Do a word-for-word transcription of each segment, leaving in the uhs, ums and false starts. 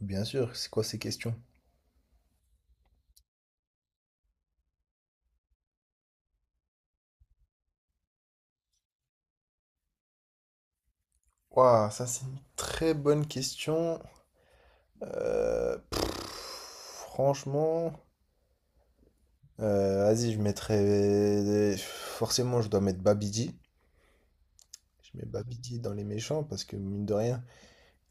Bien sûr, c'est quoi ces questions? Waouh, ça c'est une très bonne question. Euh, pff, franchement, euh, vas-y, je mettrais. Forcément, je dois mettre Babidi. Je mets Babidi dans les méchants parce que mine de rien,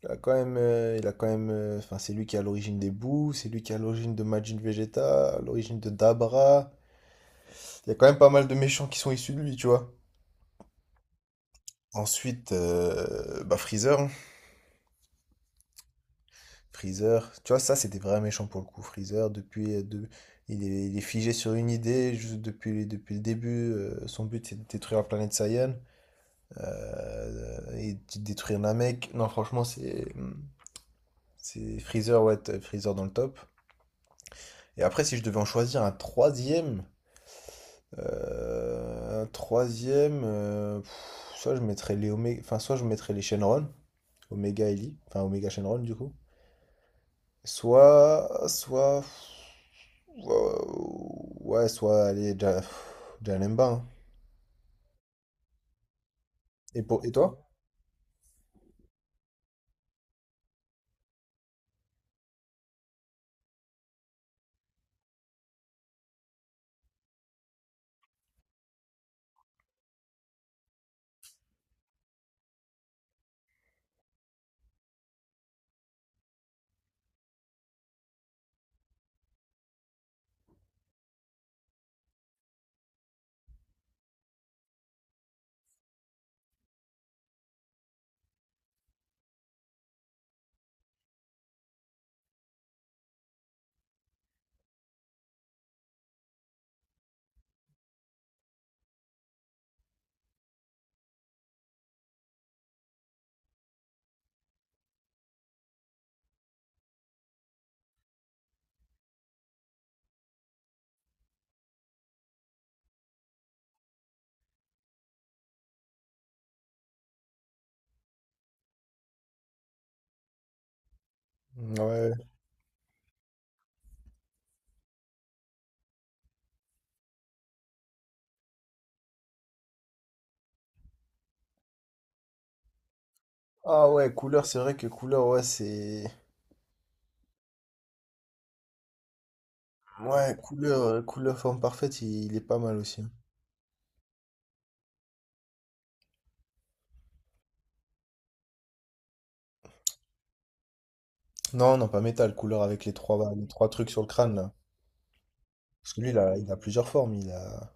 il a quand même, euh, il a quand même, euh, enfin, c'est lui qui est à l'origine des Boo, c'est lui qui est à l'origine de Majin Vegeta, à l'origine de Dabra. Il y a quand même pas mal de méchants qui sont issus de lui, tu vois. Ensuite, euh, bah Freezer, hein. Freezer, tu vois, ça c'était vraiment méchant pour le coup. Freezer, depuis, euh, de- il est, il est figé sur une idée juste depuis, depuis le début. Euh, son but c'est de détruire la planète Saiyan euh, et de détruire Namek. Non, franchement, c'est c'est Freezer, ouais, t- Freezer dans le top. Et après, si je devais en choisir un troisième, euh, un troisième, euh, pff, soit je mettrais les Omé- enfin, soit je mettrais les Shenron, Omega et Lee, enfin Omega Shenron du coup. Soit, soit, Ouah, ouais, soit aller Ja- Janemba, hein. Et pour, et toi? Ouais. Ah ouais, couleur, c'est vrai que couleur, ouais, c'est. Ouais, couleur, euh, couleur forme parfaite, il, il est pas mal aussi, hein. Non, non, pas métal, couleur avec les trois, les trois trucs sur le crâne là. Parce que lui, il a, il a plusieurs formes. Il a...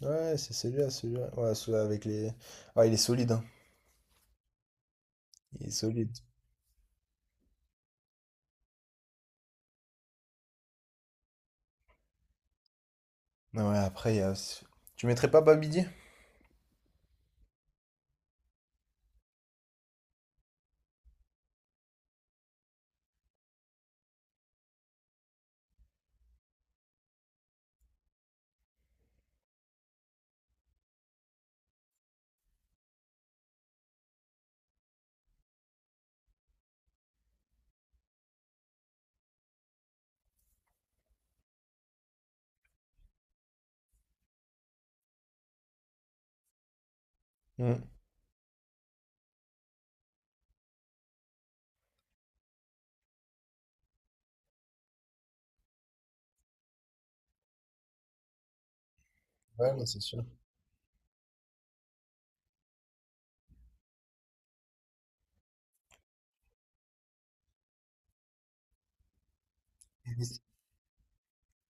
Ouais, c'est celui-là, celui-là. Ouais, celui-là avec les. Ouais, il est solide, hein. Il est solide. Ah ouais, après, il y a... Tu mettrais pas Babidi? Hmm. Ouais, non, c'est sûr.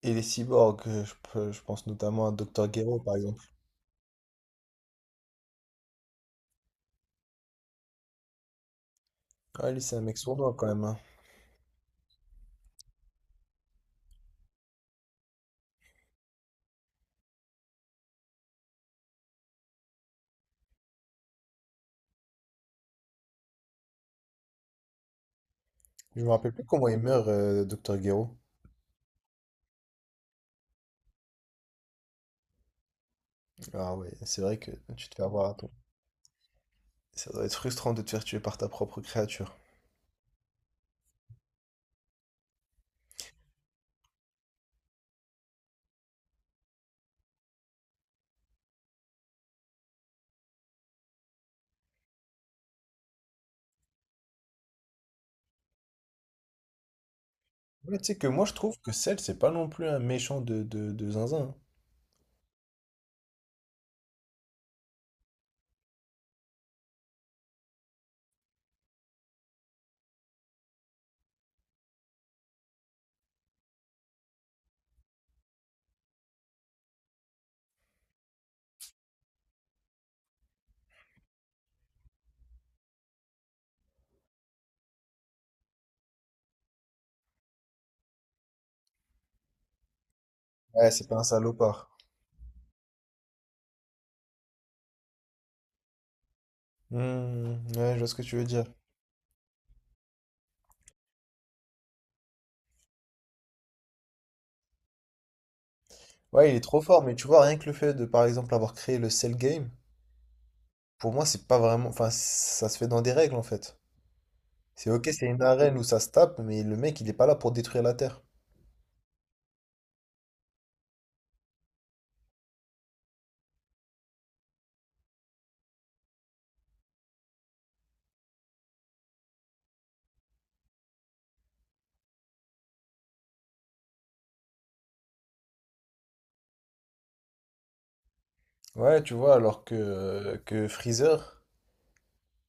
Et les cyborgs, euh, je, peux- je pense notamment à docteur Gero par exemple. Ah, lui, c'est un mec sournois quand même, hein. Je me rappelle plus comment il meurt, euh, docteur Gero. Ah ouais, c'est vrai que tu te fais avoir à toi. Ça doit être frustrant de te faire tuer par ta propre créature. Ouais, tu sais que moi, je trouve que Cell, c'est pas non plus un méchant de, de, de zinzin, hein. Ouais, c'est pas un salopard. Hmm, ouais, je vois ce que tu veux dire. Ouais, il est trop fort, mais tu vois, rien que le fait de, par exemple, avoir créé le Cell Game, pour moi, c'est pas vraiment. Enfin, ça se fait dans des règles en fait. C'est ok, c'est une arène où ça se tape, mais le mec, il est pas là pour détruire la Terre. Ouais, tu vois, alors que, euh, que Freezer,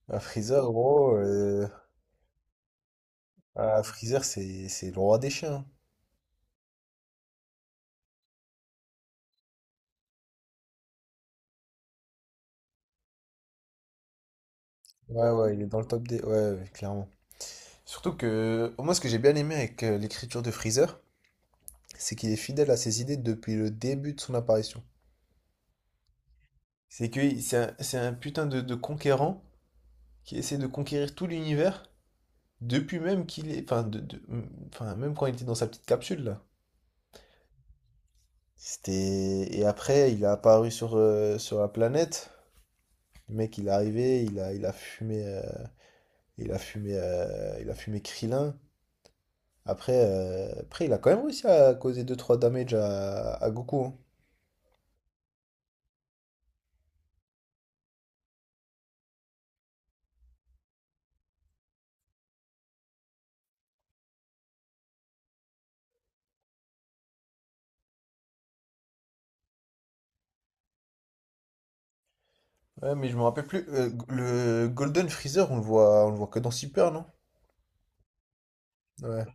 bah, Freezer, gros, euh, ah, Freezer, c'est, c'est le roi des chiens. Ouais, ouais, il est dans le top des... Ouais, ouais, clairement. Surtout que, moi, ce que j'ai bien aimé avec euh, l'écriture de Freezer, c'est qu'il est fidèle à ses idées depuis le début de son apparition. C'est que il- c'est un, c'est un putain de, de conquérant qui essaie de conquérir tout l'univers, depuis même qu'il est... Enfin, de, de- enfin, même quand il était dans sa petite capsule, là. C'était... Et après, il est apparu sur, euh, sur la planète. Le mec, il est arrivé, il a, il a fumé, euh, il a fumé, euh, il a fumé Krillin. Après, euh, après, il a quand même réussi à causer deux trois damage à, à Goku, hein. Ouais, mais je me rappelle plus. Euh, le Golden Freezer, on le voit, on le voit que dans Super, non? Ouais.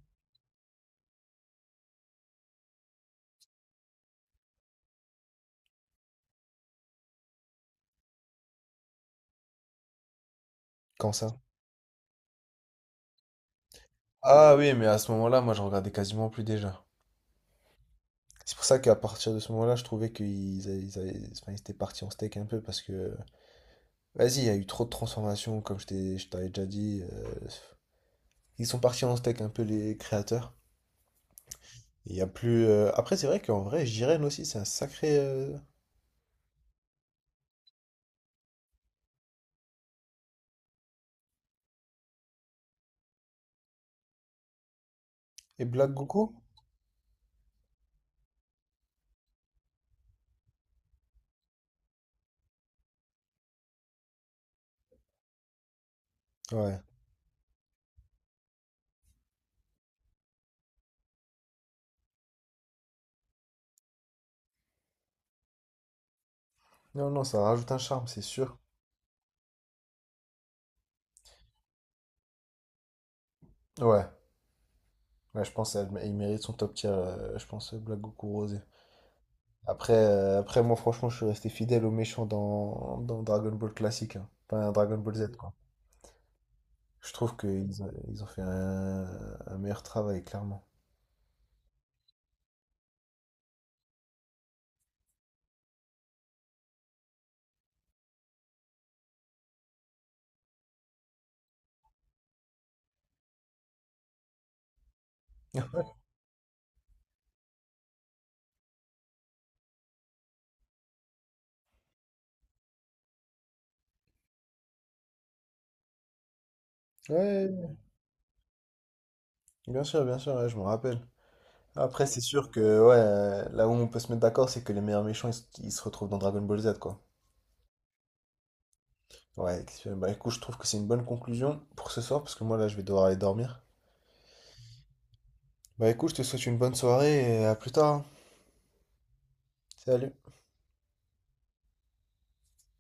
Quand ça? Ah oui, mais à ce moment-là, moi, je regardais quasiment plus déjà. C'est pour ça qu'à partir de ce moment-là, je trouvais qu'ils a- ils a- enfin, ils étaient partis en steak un peu parce que vas-y, il y a eu trop de transformations, comme je t'ai, je t'avais déjà dit. Euh, ils sont partis en steak un peu les créateurs. Il y a plus. euh, Après, c'est vrai qu'en vrai, Jiren aussi, c'est un sacré. euh, Et Black Goku? Ouais. Non, non, ça rajoute un charme, c'est sûr. Ouais. Ouais, je pense qu'il mérite son top tier. Euh, je pense euh, Black Goku Rosé. Après, euh, après, moi, franchement, je suis resté fidèle aux méchants dans, dans Dragon Ball classique, hein. Enfin, Dragon Ball Z, quoi. Je trouve qu'ils ont, ils ont fait un, un meilleur travail, clairement. Ouais, bien sûr, bien sûr, ouais, je me rappelle. Après, c'est sûr que ouais, euh, là où on peut se mettre d'accord, c'est que les meilleurs méchants, ils, se ils se retrouvent dans Dragon Ball Z, quoi. Ouais, excellent. Bah écoute, je trouve que c'est une bonne conclusion pour ce soir, parce que moi, là, je vais devoir aller dormir. Bah écoute, je te souhaite une bonne soirée et à plus tard, hein. Salut.